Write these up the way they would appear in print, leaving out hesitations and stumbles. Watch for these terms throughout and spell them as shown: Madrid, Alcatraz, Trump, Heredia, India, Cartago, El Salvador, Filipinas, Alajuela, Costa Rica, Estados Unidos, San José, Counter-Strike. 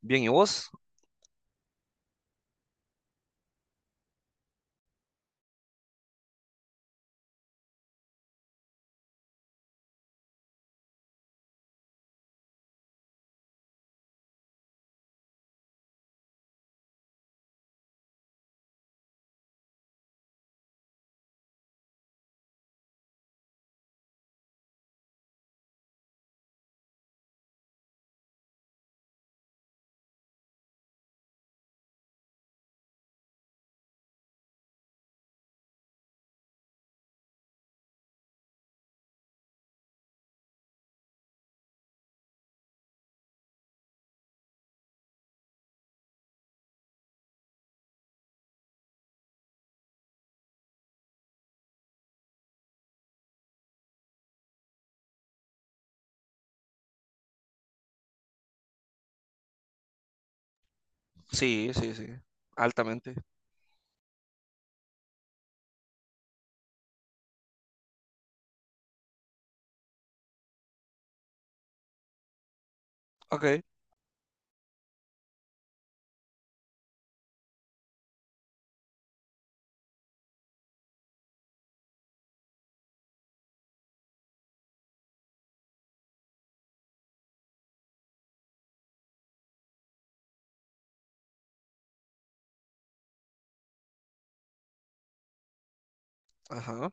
Bien, ¿y vos? Sí, sí, sí, altamente. Ok, ajá.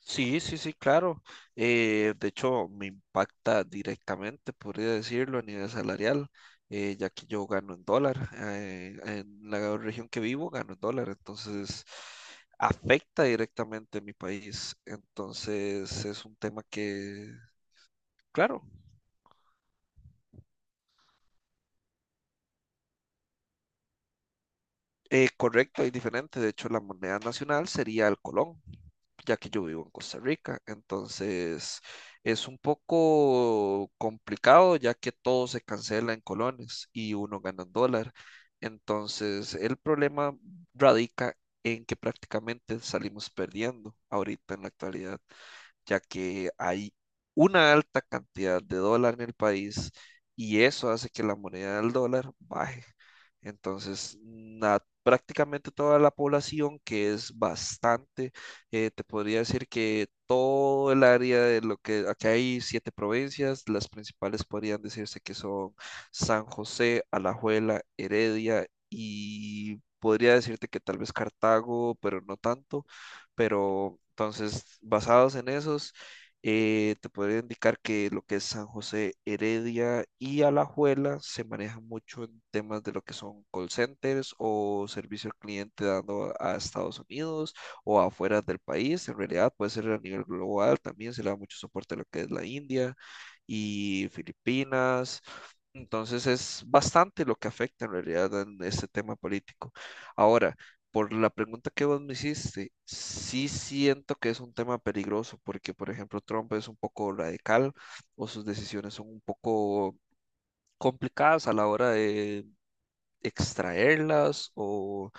Sí, sí, sí, claro. De hecho, me impacta directamente, podría decirlo, a nivel salarial, ya que yo gano en dólar. En la región que vivo gano en dólar, entonces afecta directamente a mi país. Entonces es un tema que, claro, correcto y diferente. De hecho, la moneda nacional sería el colón, ya que yo vivo en Costa Rica. Entonces es un poco complicado, ya que todo se cancela en colones y uno gana en dólar. Entonces el problema radica en que prácticamente salimos perdiendo ahorita en la actualidad, ya que hay una alta cantidad de dólar en el país y eso hace que la moneda del dólar baje. Entonces, prácticamente toda la población, que es bastante, te podría decir que todo el área de lo que acá hay 7 provincias, las principales podrían decirse que son San José, Alajuela, Heredia y podría decirte que tal vez Cartago, pero no tanto. Pero entonces, basados en esos, te podría indicar que lo que es San José, Heredia y Alajuela se manejan mucho en temas de lo que son call centers o servicio al cliente dando a Estados Unidos o afuera del país. En realidad puede ser a nivel global, también se le da mucho soporte a lo que es la India y Filipinas. Entonces es bastante lo que afecta en realidad en este tema político. Ahora, por la pregunta que vos me hiciste, sí siento que es un tema peligroso porque, por ejemplo, Trump es un poco radical o sus decisiones son un poco complicadas a la hora de extraerlas o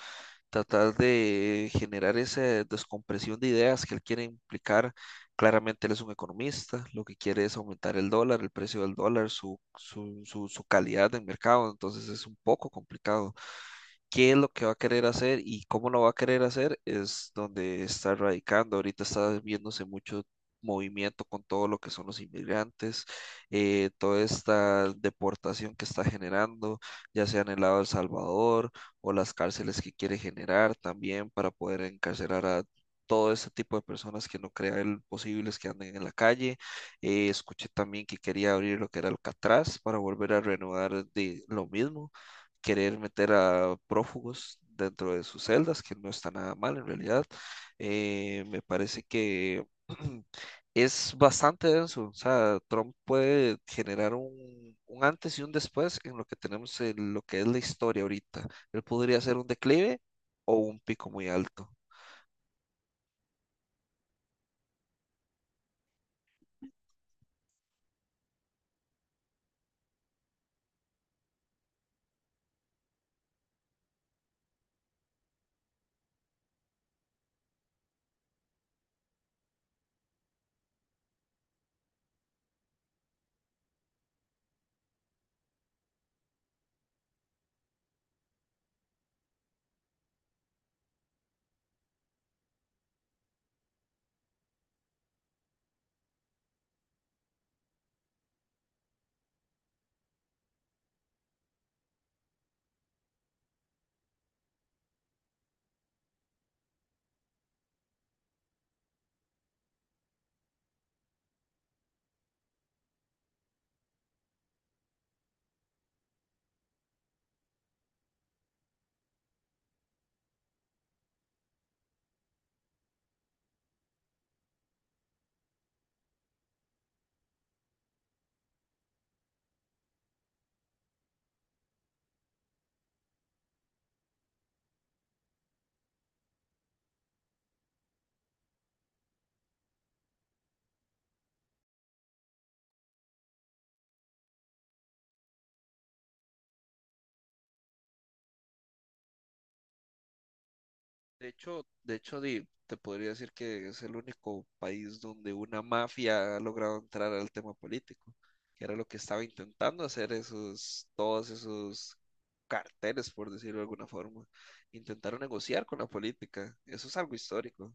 tratar de generar esa descompresión de ideas que él quiere implicar. Claramente él es un economista, lo que quiere es aumentar el dólar, el precio del dólar, su calidad del mercado. Entonces es un poco complicado qué es lo que va a querer hacer y cómo lo va a querer hacer es donde está radicando. Ahorita está viéndose mucho movimiento con todo lo que son los inmigrantes, toda esta deportación que está generando, ya sea en el lado de El Salvador o las cárceles que quiere generar también para poder encarcelar a todo ese tipo de personas que no crea él posibles que anden en la calle. Escuché también que quería abrir lo que era Alcatraz para volver a renovar de lo mismo, querer meter a prófugos dentro de sus celdas, que no está nada mal en realidad. Me parece que es bastante denso. O sea, Trump puede generar un antes y un después en lo que tenemos, en lo que es la historia ahorita. Él podría ser un declive o un pico muy alto. Te podría decir que es el único país donde una mafia ha logrado entrar al tema político, que era lo que estaba intentando hacer esos, todos esos carteles, por decirlo de alguna forma. Intentaron negociar con la política. Eso es algo histórico.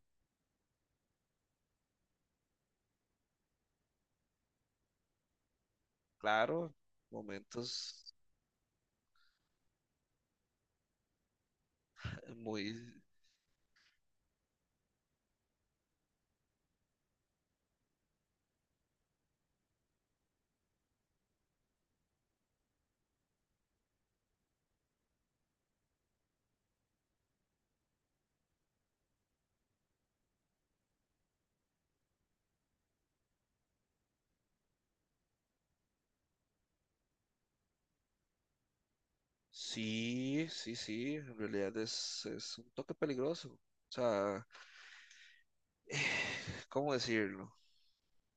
Claro, momentos muy... Sí, sí, sí, en realidad es un toque peligroso. O sea, ¿cómo decirlo?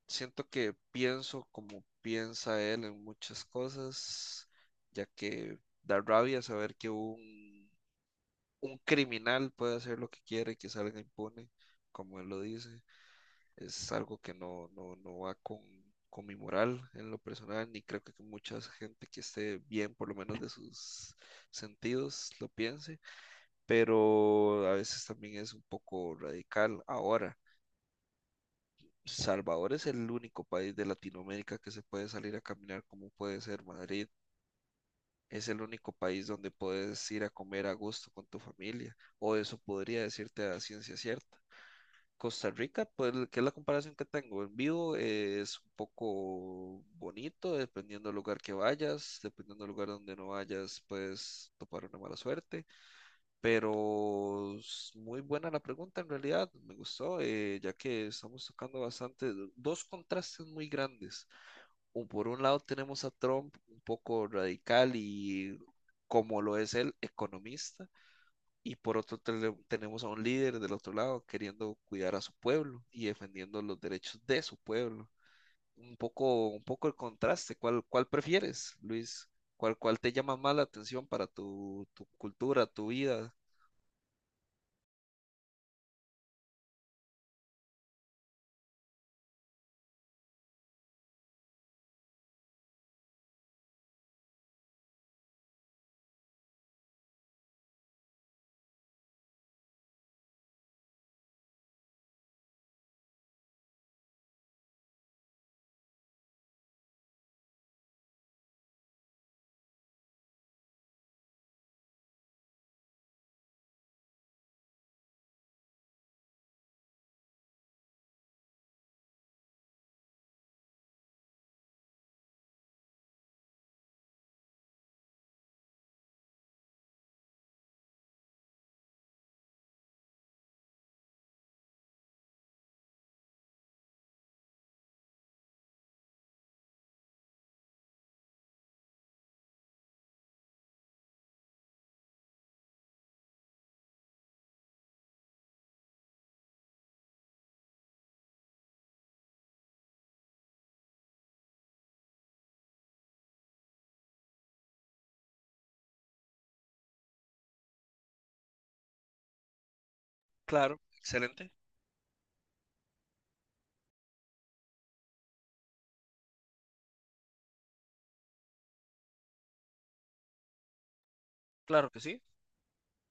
Siento que pienso como piensa él en muchas cosas, ya que da rabia saber que un criminal puede hacer lo que quiere y que salga impune, como él lo dice. Es algo que no, no, no va con mi moral en lo personal, ni creo que mucha gente que esté bien, por lo menos de sus sentidos, lo piense, pero a veces también es un poco radical. Ahora Salvador es el único país de Latinoamérica que se puede salir a caminar como puede ser Madrid. Es el único país donde puedes ir a comer a gusto con tu familia, o eso podría decirte a ciencia cierta. Costa Rica, pues, que es la comparación que tengo en vivo, es un poco bonito, dependiendo del lugar que vayas, dependiendo del lugar donde no vayas, puedes topar una mala suerte. Muy buena la pregunta en realidad, me gustó, ya que estamos tocando bastante, dos contrastes muy grandes. Por un lado tenemos a Trump un poco radical y como lo es él, economista, y por otro tenemos a un líder del otro lado queriendo cuidar a su pueblo y defendiendo los derechos de su pueblo. Un poco el contraste, ¿cuál prefieres, Luis? ¿Cuál te llama más la atención para tu cultura, tu vida? Claro, excelente, claro que sí.